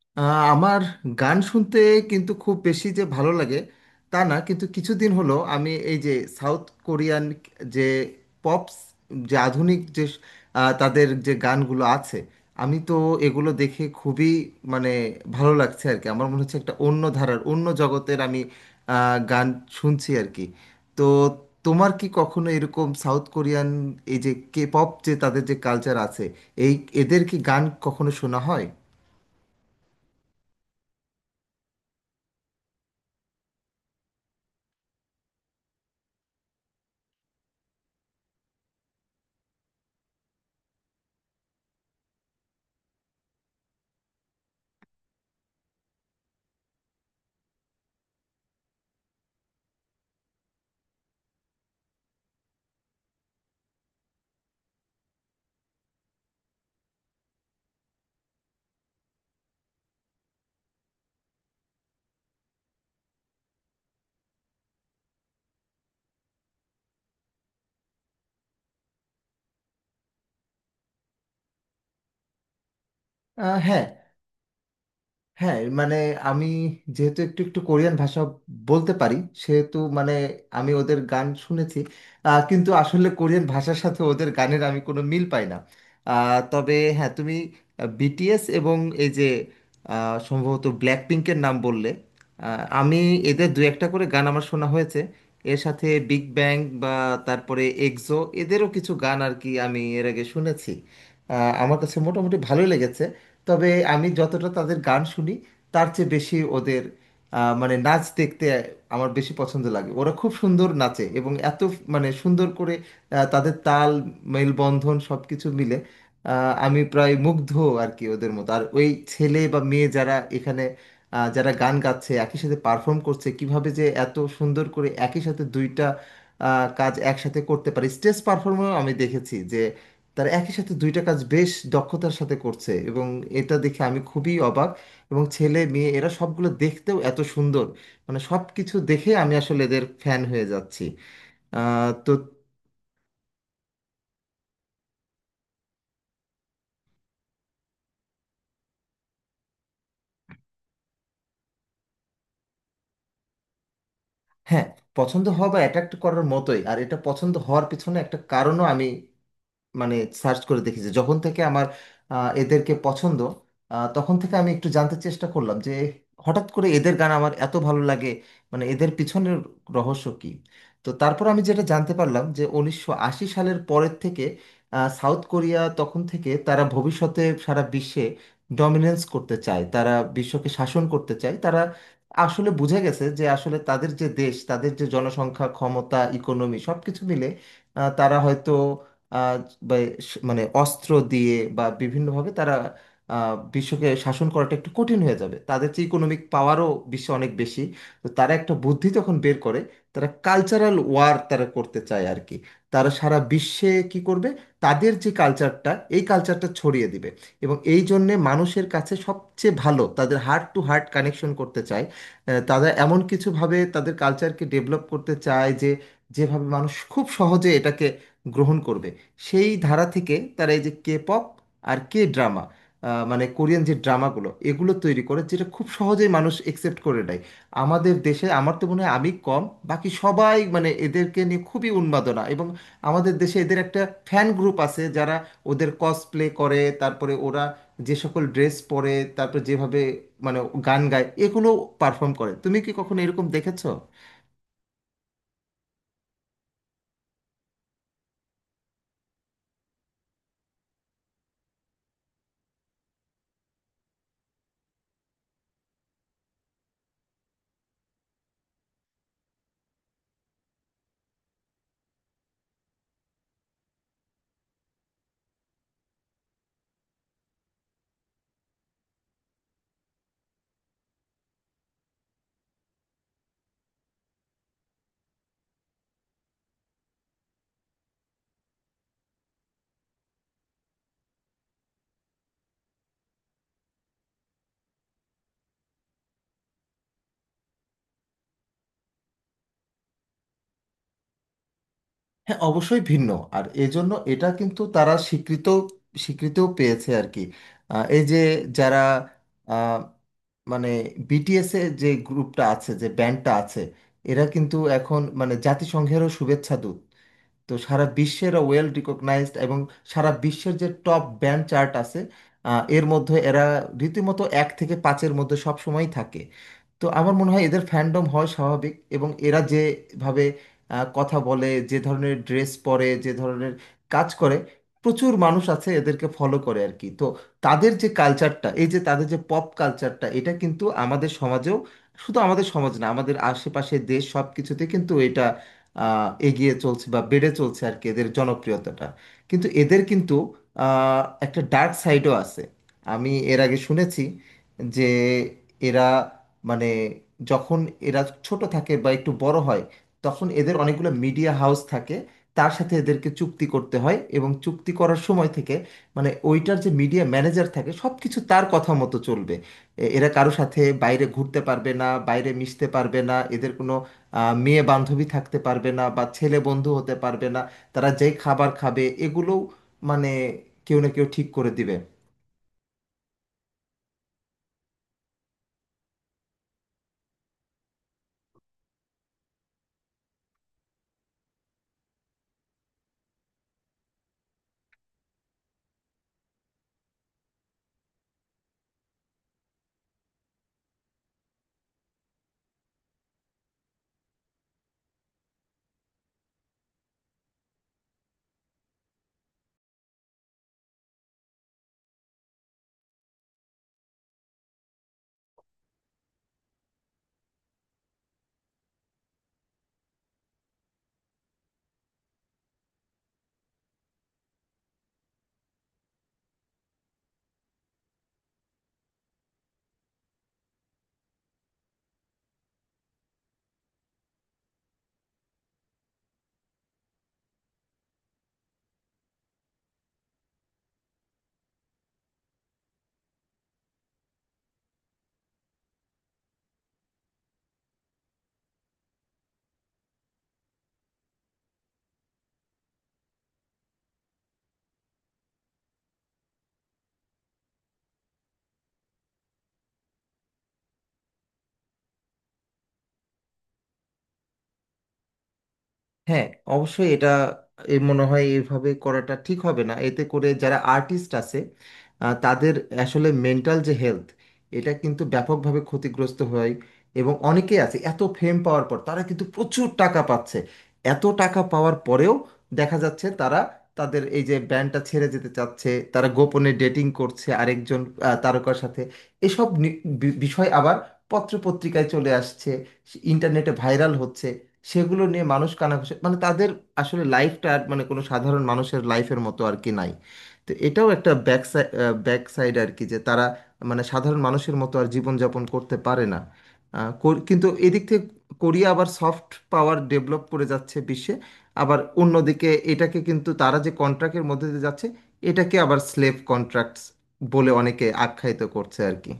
আমার গান শুনতে কিন্তু খুব বেশি যে ভালো লাগে তা না, কিন্তু কিছুদিন হলো আমি এই যে সাউথ কোরিয়ান যে পপস, যে আধুনিক যে তাদের যে গানগুলো আছে, আমি তো এগুলো দেখে খুবই মানে ভালো লাগছে আর কি। আমার মনে হচ্ছে একটা অন্য ধারার, অন্য জগতের আমি গান শুনছি আর কি। তো তোমার কি কখনো এরকম সাউথ কোরিয়ান এই যে কে পপ, যে তাদের যে কালচার আছে, এই এদের কি গান কখনো শোনা হয়? হ্যাঁ, হ্যাঁ, মানে আমি যেহেতু একটু একটু কোরিয়ান ভাষা বলতে পারি, সেহেতু মানে আমি ওদের গান শুনেছি। কিন্তু আসলে কোরিয়ান ভাষার সাথে ওদের গানের আমি কোনো মিল পাই না। তবে হ্যাঁ, তুমি বিটিএস এবং এই যে সম্ভবত ব্ল্যাক পিঙ্কের নাম বললে, আমি এদের দু একটা করে গান আমার শোনা হয়েছে। এর সাথে বিগ ব্যাং বা তারপরে এক্সো এদেরও কিছু গান আর কি আমি এর আগে শুনেছি। আমার কাছে মোটামুটি ভালোই লেগেছে। তবে আমি যতটা তাদের গান শুনি, তার চেয়ে বেশি ওদের মানে নাচ দেখতে আমার বেশি পছন্দ লাগে। ওরা খুব সুন্দর নাচে এবং এত মানে সুন্দর করে তাদের তাল মেলবন্ধন সব কিছু মিলে আমি প্রায় মুগ্ধ আর কি। ওদের মতো আর ওই ছেলে বা মেয়ে যারা এখানে যারা গান গাচ্ছে, একই সাথে পারফর্ম করছে, কিভাবে যে এত সুন্দর করে একই সাথে দুইটা কাজ একসাথে করতে পারে। স্টেজ পারফর্মেও আমি দেখেছি যে তারা একই সাথে দুইটা কাজ বেশ দক্ষতার সাথে করছে, এবং এটা দেখে আমি খুবই অবাক। এবং ছেলে মেয়ে এরা সবগুলো দেখতেও এত সুন্দর, মানে সব কিছু দেখে আমি আসলে এদের ফ্যান হয়ে যাচ্ছি। তো হ্যাঁ, পছন্দ হওয়া বা অ্যাট্রাক্ট করার মতোই। আর এটা পছন্দ হওয়ার পিছনে একটা কারণও আমি মানে সার্চ করে দেখি। যে যখন থেকে আমার এদেরকে পছন্দ, তখন থেকে আমি একটু জানতে চেষ্টা করলাম যে হঠাৎ করে এদের গান আমার এত ভালো লাগে, মানে এদের পিছনের রহস্য কি। তো তারপর আমি যেটা জানতে পারলাম, যে 1980 সালের পরের থেকে সাউথ কোরিয়া তখন থেকে তারা ভবিষ্যতে সারা বিশ্বে ডমিনেন্স করতে চায়। তারা বিশ্বকে শাসন করতে চায়। তারা আসলে বুঝে গেছে যে আসলে তাদের যে দেশ, তাদের যে জনসংখ্যা, ক্ষমতা, ইকোনমি সব কিছু মিলে তারা হয়তো বা মানে অস্ত্র দিয়ে বা বিভিন্নভাবে তারা বিশ্বকে শাসন করাটা একটু কঠিন হয়ে যাবে। তাদের যে ইকোনমিক পাওয়ারও বিশ্বে অনেক বেশি। তো তারা একটা বুদ্ধি যখন বের করে, তারা কালচারাল ওয়ার তারা করতে চায় আর কি। তারা সারা বিশ্বে কি করবে, তাদের যে কালচারটা এই কালচারটা ছড়িয়ে দিবে। এবং এই জন্যে মানুষের কাছে সবচেয়ে ভালো তাদের হার্ট টু হার্ট কানেকশন করতে চায়। তারা এমন কিছুভাবে তাদের কালচারকে ডেভেলপ করতে চায় যে যেভাবে মানুষ খুব সহজে এটাকে গ্রহণ করবে। সেই ধারা থেকে তারা এই যে কে পপ আর কে ড্রামা, মানে কোরিয়ান যে ড্রামাগুলো এগুলো তৈরি করে, যেটা খুব সহজেই মানুষ একসেপ্ট করে নেয়। আমাদের দেশে আমার তো মনে হয় আমি কম, বাকি সবাই মানে এদেরকে নিয়ে খুবই উন্মাদনা। এবং আমাদের দেশে এদের একটা ফ্যান গ্রুপ আছে যারা ওদের কসপ্লে করে। তারপরে ওরা যে সকল ড্রেস পরে, তারপর যেভাবে মানে গান গায়, এগুলো পারফর্ম করে। তুমি কি কখনো এরকম দেখেছো? হ্যাঁ, অবশ্যই ভিন্ন। আর এজন্য এটা কিন্তু তারা স্বীকৃত, স্বীকৃতিও পেয়েছে আর কি। এই যে যারা আহ, মানে বিটিএস এর যে গ্রুপটা আছে, যে ব্যান্ডটা আছে, এরা কিন্তু এখন মানে জাতিসংঘেরও শুভেচ্ছা দূত। তো সারা বিশ্বে এরা ওয়েল রিকগনাইজড। এবং সারা বিশ্বের যে টপ ব্যান্ড চার্ট আছে, এর মধ্যে এরা রীতিমতো এক থেকে পাঁচের মধ্যে সব সময়ই থাকে। তো আমার মনে হয় এদের ফ্যান্ডম হয় স্বাভাবিক। এবং এরা যেভাবে কথা বলে, যে ধরনের ড্রেস পরে, যে ধরনের কাজ করে, প্রচুর মানুষ আছে এদেরকে ফলো করে আর কি। তো তাদের যে কালচারটা, এই যে তাদের যে পপ কালচারটা, এটা কিন্তু আমাদের সমাজেও, শুধু আমাদের সমাজ না, আমাদের আশেপাশে দেশ সব কিছুতে কিন্তু এটা এগিয়ে চলছে বা বেড়ে চলছে আর কি, এদের জনপ্রিয়তাটা। কিন্তু এদের কিন্তু একটা ডার্ক সাইডও আছে। আমি এর আগে শুনেছি যে এরা মানে যখন এরা ছোট থাকে বা একটু বড় হয়, তখন এদের অনেকগুলো মিডিয়া হাউস থাকে, তার সাথে এদেরকে চুক্তি করতে হয়। এবং চুক্তি করার সময় থেকে মানে ওইটার যে মিডিয়া ম্যানেজার থাকে, সব কিছু তার কথা মতো চলবে। এরা কারো সাথে বাইরে ঘুরতে পারবে না, বাইরে মিশতে পারবে না, এদের কোনো মেয়ে বান্ধবী থাকতে পারবে না বা ছেলে বন্ধু হতে পারবে না। তারা যেই খাবার খাবে এগুলোও মানে কেউ না কেউ ঠিক করে দিবে। হ্যাঁ, অবশ্যই এটা, এ মনে হয় এইভাবে করাটা ঠিক হবে না। এতে করে যারা আর্টিস্ট আছে তাদের আসলে মেন্টাল যে হেলথ, এটা কিন্তু ব্যাপকভাবে ক্ষতিগ্রস্ত হয়। এবং অনেকেই আছে এত ফেম পাওয়ার পর, তারা কিন্তু প্রচুর টাকা পাচ্ছে, এত টাকা পাওয়ার পরেও দেখা যাচ্ছে তারা তাদের এই যে ব্যান্ডটা ছেড়ে যেতে চাচ্ছে, তারা গোপনে ডেটিং করছে আরেকজন তারকার সাথে। এসব বিষয় আবার পত্রপত্রিকায় চলে আসছে, ইন্টারনেটে ভাইরাল হচ্ছে, সেগুলো নিয়ে মানুষ কানাঘুষা, মানে তাদের আসলে লাইফটা আর মানে কোনো সাধারণ মানুষের লাইফের মতো আর কি নাই। তো এটাও একটা ব্যাক সাইড আর কি, যে তারা মানে সাধারণ মানুষের মতো আর জীবনযাপন করতে পারে না। কিন্তু এদিক থেকে কোরিয়া আবার সফট পাওয়ার ডেভেলপ করে যাচ্ছে বিশ্বে। আবার অন্যদিকে এটাকে কিন্তু তারা যে কন্ট্রাক্টের মধ্যে দিয়ে যাচ্ছে, এটাকে আবার স্লেভ কন্ট্রাক্টস বলে অনেকে আখ্যায়িত করছে আর কি।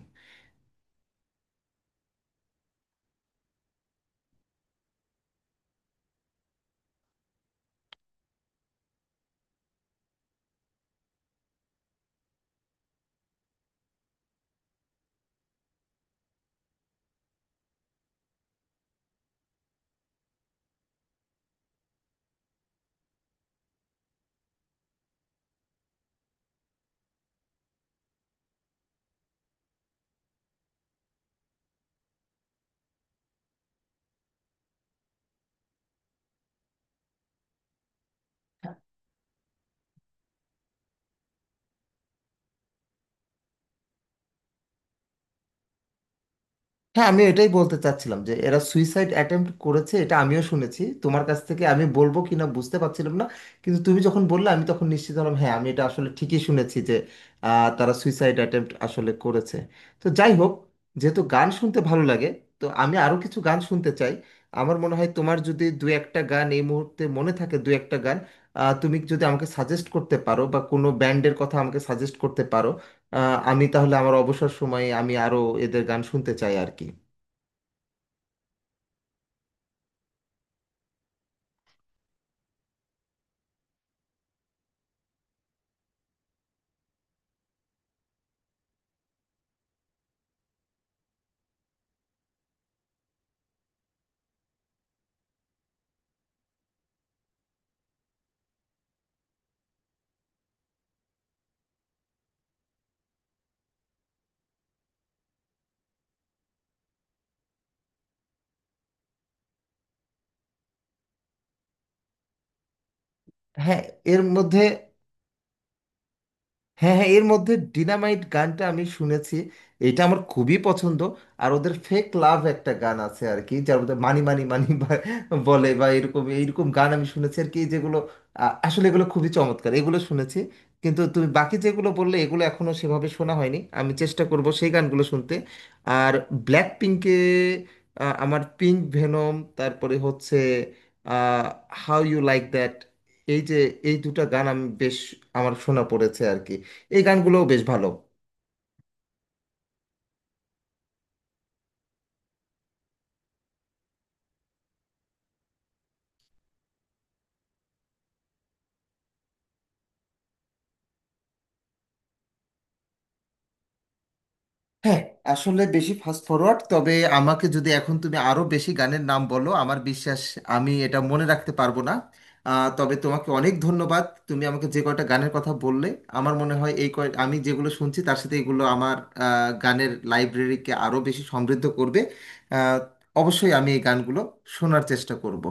হ্যাঁ, আমি এটাই বলতে চাচ্ছিলাম যে এরা সুইসাইড অ্যাটেম্প্ট করেছে, এটা আমিও শুনেছি। তোমার কাছ থেকে আমি বলবো কিনা বুঝতে পারছিলাম না, কিন্তু তুমি যখন বললে আমি তখন নিশ্চিত হলাম। হ্যাঁ, আমি এটা আসলে ঠিকই শুনেছি যে তারা সুইসাইড অ্যাটেম্প্ট আসলে করেছে। তো যাই হোক, যেহেতু গান শুনতে ভালো লাগে, তো আমি আরও কিছু গান শুনতে চাই। আমার মনে হয় তোমার যদি দু একটা গান এই মুহূর্তে মনে থাকে, দু একটা গান তুমি যদি আমাকে সাজেস্ট করতে পারো বা কোনো ব্যান্ডের কথা আমাকে সাজেস্ট করতে পারো, আমি তাহলে আমার অবসর সময়ে আমি আরও এদের গান শুনতে চাই আর কি। হ্যাঁ, এর মধ্যে, হ্যাঁ হ্যাঁ, এর মধ্যে ডিনামাইট গানটা আমি শুনেছি, এটা আমার খুবই পছন্দ। আর ওদের ফেক লাভ একটা গান আছে আর কি, যার মধ্যে মানি মানি মানি বলে বা এরকম এইরকম গান আমি শুনেছি আর কি, যেগুলো আ, আসলে এগুলো খুবই চমৎকার, এগুলো শুনেছি। কিন্তু তুমি বাকি যেগুলো বললে এগুলো এখনো সেভাবে শোনা হয়নি, আমি চেষ্টা করব সেই গানগুলো শুনতে। আর ব্ল্যাক পিঙ্কে আমার পিঙ্ক ভেনম, তারপরে হচ্ছে হাউ ইউ লাইক দ্যাট, এই যে এই দুটো গান আমি বেশ আমার শোনা পড়েছে আর কি। এই গানগুলোও বেশ ভালো। হ্যাঁ, আসলে বেশি ফাস্ট ফরওয়ার্ড। তবে আমাকে যদি এখন তুমি আরো বেশি গানের নাম বলো, আমার বিশ্বাস আমি এটা মনে রাখতে পারবো না। তবে তোমাকে অনেক ধন্যবাদ। তুমি আমাকে যে কয়টা গানের কথা বললে, আমার মনে হয় এই কয়, আমি যেগুলো শুনছি তার সাথে এগুলো আমার গানের লাইব্রেরিকে আরো বেশি সমৃদ্ধ করবে। আহ, অবশ্যই আমি এই গানগুলো শোনার চেষ্টা করব।